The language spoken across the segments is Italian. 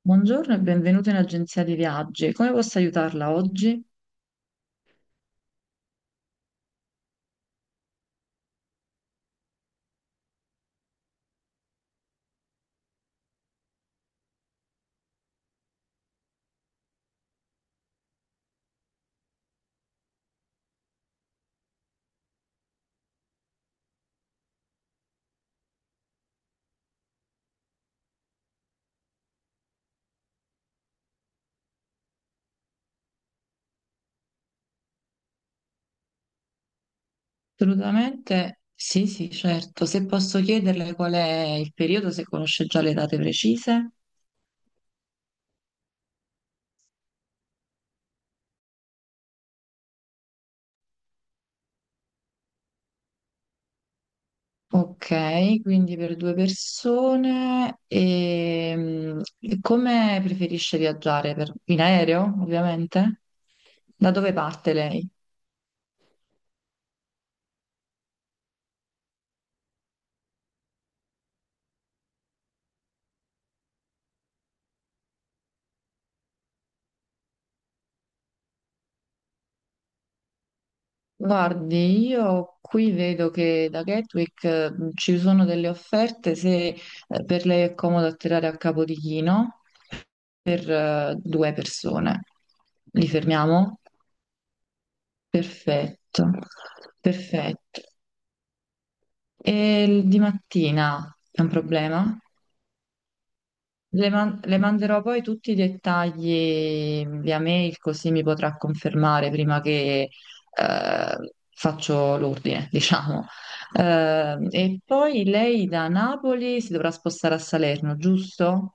Buongiorno e benvenuto in agenzia di viaggi. Come posso aiutarla oggi? Assolutamente sì, sì, certo. Se posso chiederle qual è il periodo, se conosce già le date precise. Ok, quindi per due persone. E, e come preferisce viaggiare? In aereo, ovviamente? Da dove parte lei? Guardi, io qui vedo che da Gatwick ci sono delle offerte se per lei è comodo atterrare a Capodichino per due persone. Li fermiamo? Perfetto, perfetto. E il di mattina è un problema? Le, le manderò poi tutti i dettagli via mail, così mi potrà confermare prima che eh, faccio l'ordine, diciamo. E poi lei da Napoli si dovrà spostare a Salerno, giusto?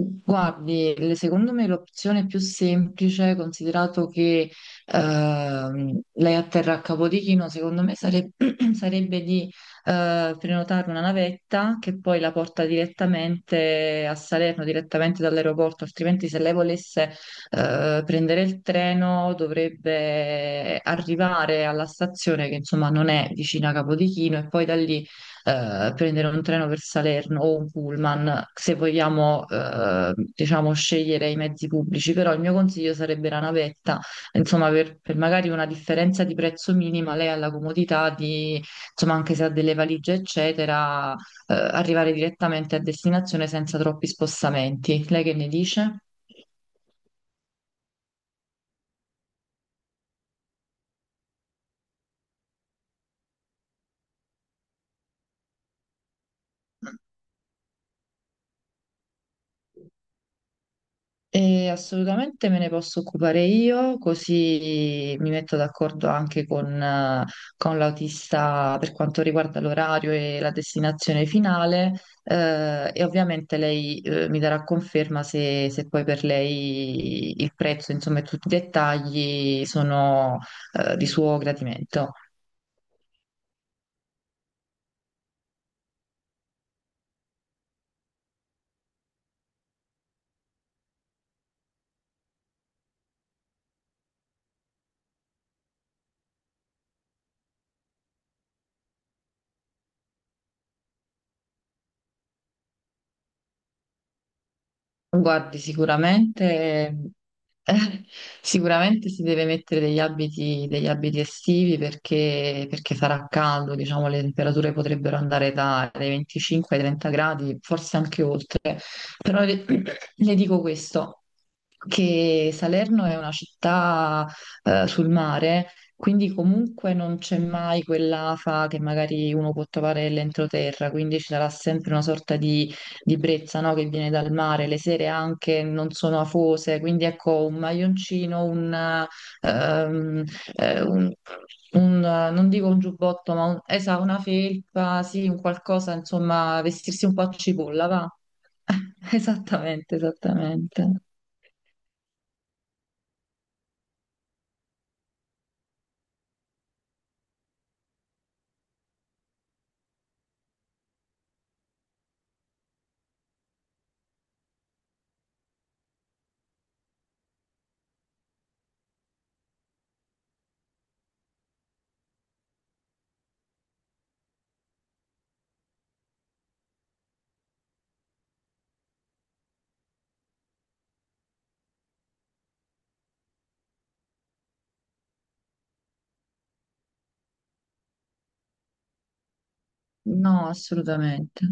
Guardi, secondo me l'opzione più semplice, considerato che lei atterra a Capodichino, secondo me sarebbe di prenotare una navetta che poi la porta direttamente a Salerno, direttamente dall'aeroporto, altrimenti se lei volesse prendere il treno dovrebbe arrivare alla stazione che insomma non è vicina a Capodichino e poi da lì prendere un treno per Salerno o un pullman, se vogliamo, diciamo, scegliere i mezzi pubblici, però il mio consiglio sarebbe la navetta, insomma, per magari una differenza di prezzo minima, lei ha la comodità di, insomma, anche se ha delle valigie, eccetera, arrivare direttamente a destinazione senza troppi spostamenti. Lei che ne dice? E assolutamente me ne posso occupare io, così mi metto d'accordo anche con l'autista per quanto riguarda l'orario e la destinazione finale, e ovviamente lei, mi darà conferma se, se poi per lei il prezzo, insomma, e tutti i dettagli sono, di suo gradimento. Guardi, sicuramente, eh, sicuramente si deve mettere degli abiti estivi perché, perché sarà caldo, diciamo, le temperature potrebbero andare dai 25 ai 30 gradi, forse anche oltre. Però le, le dico questo, che Salerno è una città, sul mare, quindi comunque non c'è mai quell'afa che magari uno può trovare nell'entroterra, quindi ci sarà sempre una sorta di brezza, no? Che viene dal mare, le sere anche non sono afose, quindi ecco un maglioncino, un, ehm, eh, un- un, non dico un giubbotto, ma un, una felpa, sì, un qualcosa, insomma, vestirsi un po' a cipolla, va? Esattamente, esattamente. No, assolutamente.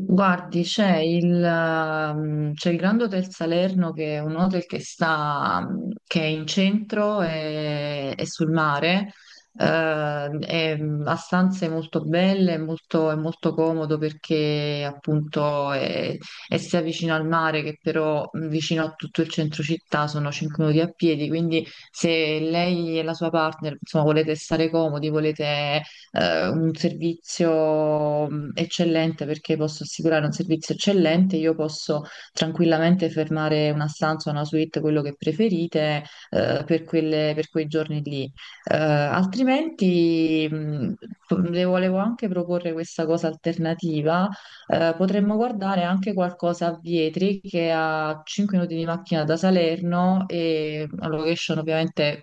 Guardi, c'è c'è il Grand Hotel Salerno che è un hotel che è in centro e sul mare, mm, ha stanze molto belle, è molto comodo perché appunto è sia vicino al mare che però vicino a tutto il centro città, sono 5 minuti a piedi, quindi se lei e la sua partner insomma, volete stare comodi, volete un servizio eccellente perché posso assicurare un servizio eccellente, io posso tranquillamente fermare una stanza, una suite, quello che preferite, per per quei giorni lì. Altrimenti, le volevo anche proporre questa cosa alternativa, potremmo guardare anche qualcosa a Vietri che è a 5 minuti di macchina da Salerno e una location ovviamente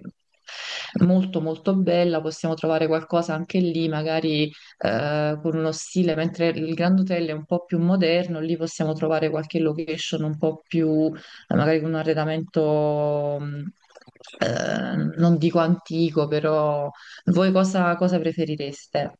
molto molto bella, possiamo trovare qualcosa anche lì, magari con uno stile, mentre il Grand Hotel è un po' più moderno, lì possiamo trovare qualche location un po' più, magari con un arredamento non dico antico, però voi cosa preferireste?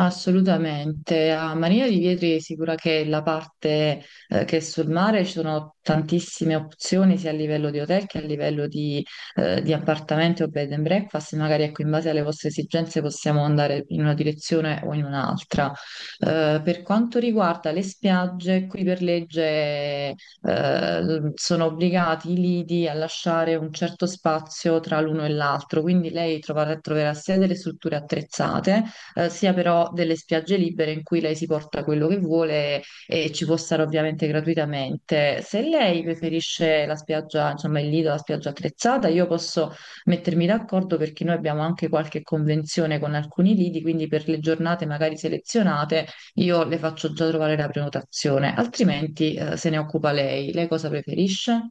Assolutamente, a Marina di Vietri è sicura che la parte che è sul mare ci sono tantissime opzioni sia a livello di hotel che a livello di appartamenti o bed and breakfast, magari ecco, in base alle vostre esigenze possiamo andare in una direzione o in un'altra. Per quanto riguarda le spiagge, qui per legge sono obbligati i lidi a lasciare un certo spazio tra l'uno e l'altro, quindi lei troverà, troverà sia delle strutture attrezzate, sia però delle spiagge libere in cui lei si porta quello che vuole e ci può stare ovviamente gratuitamente. Se lei preferisce la spiaggia, insomma il lido, la spiaggia attrezzata, io posso mettermi d'accordo perché noi abbiamo anche qualche convenzione con alcuni lidi, quindi per le giornate magari selezionate io le faccio già trovare la prenotazione, altrimenti se ne occupa lei. Lei cosa preferisce?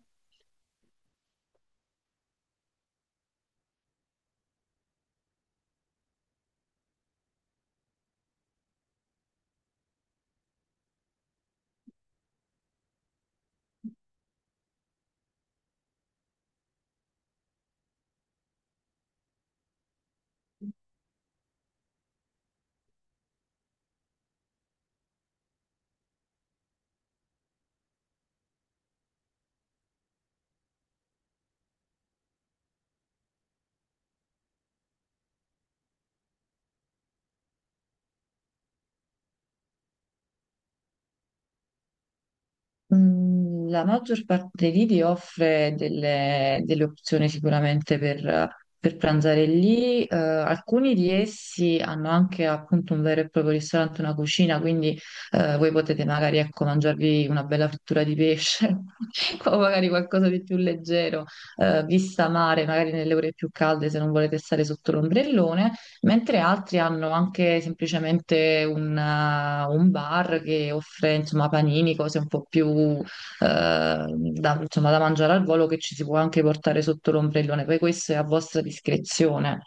Mm, la maggior parte dei lidi offre delle, delle opzioni sicuramente per pranzare lì. Alcuni di essi hanno anche appunto un vero e proprio ristorante, una cucina, quindi voi potete magari ecco, mangiarvi una bella frittura di pesce o magari qualcosa di più leggero, vista mare, magari nelle ore più calde se non volete stare sotto l'ombrellone, mentre altri hanno anche semplicemente un bar che offre insomma panini, cose un po' più da, insomma, da mangiare al volo che ci si può anche portare sotto l'ombrellone, poi questo è a vostra discrezione.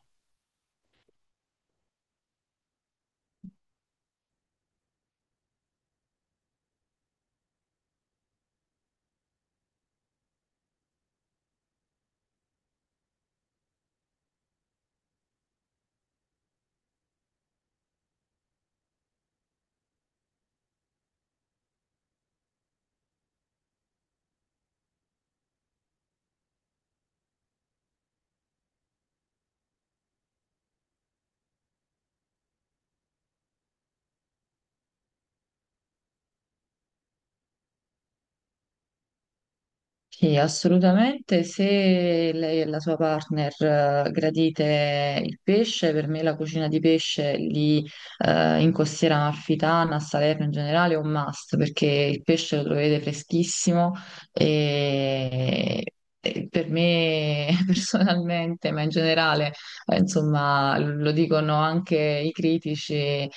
Sì, assolutamente. Se lei e la sua partner gradite il pesce, per me la cucina di pesce lì, in Costiera Amalfitana, a Salerno in generale, è un must perché il pesce lo trovate freschissimo e, e per me personalmente, ma in generale, insomma, lo dicono anche i critici.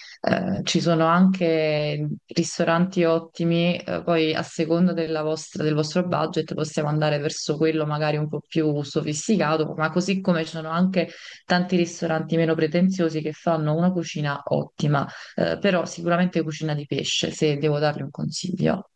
Ci sono anche ristoranti ottimi, poi a seconda del vostro budget possiamo andare verso quello magari un po' più sofisticato, ma così come ci sono anche tanti ristoranti meno pretenziosi che fanno una cucina ottima, però sicuramente cucina di pesce, se devo dargli un consiglio.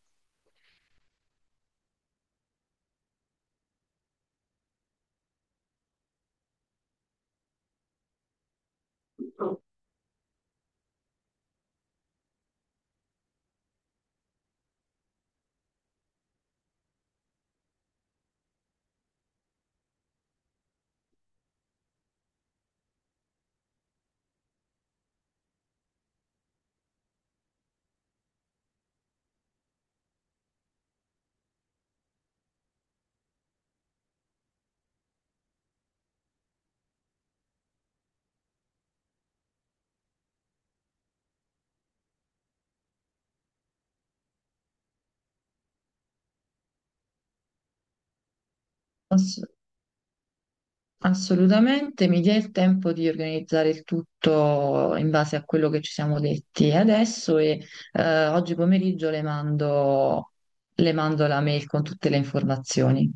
Assolutamente, mi dia il tempo di organizzare il tutto in base a quello che ci siamo detti adesso e oggi pomeriggio le mando la mail con tutte le informazioni.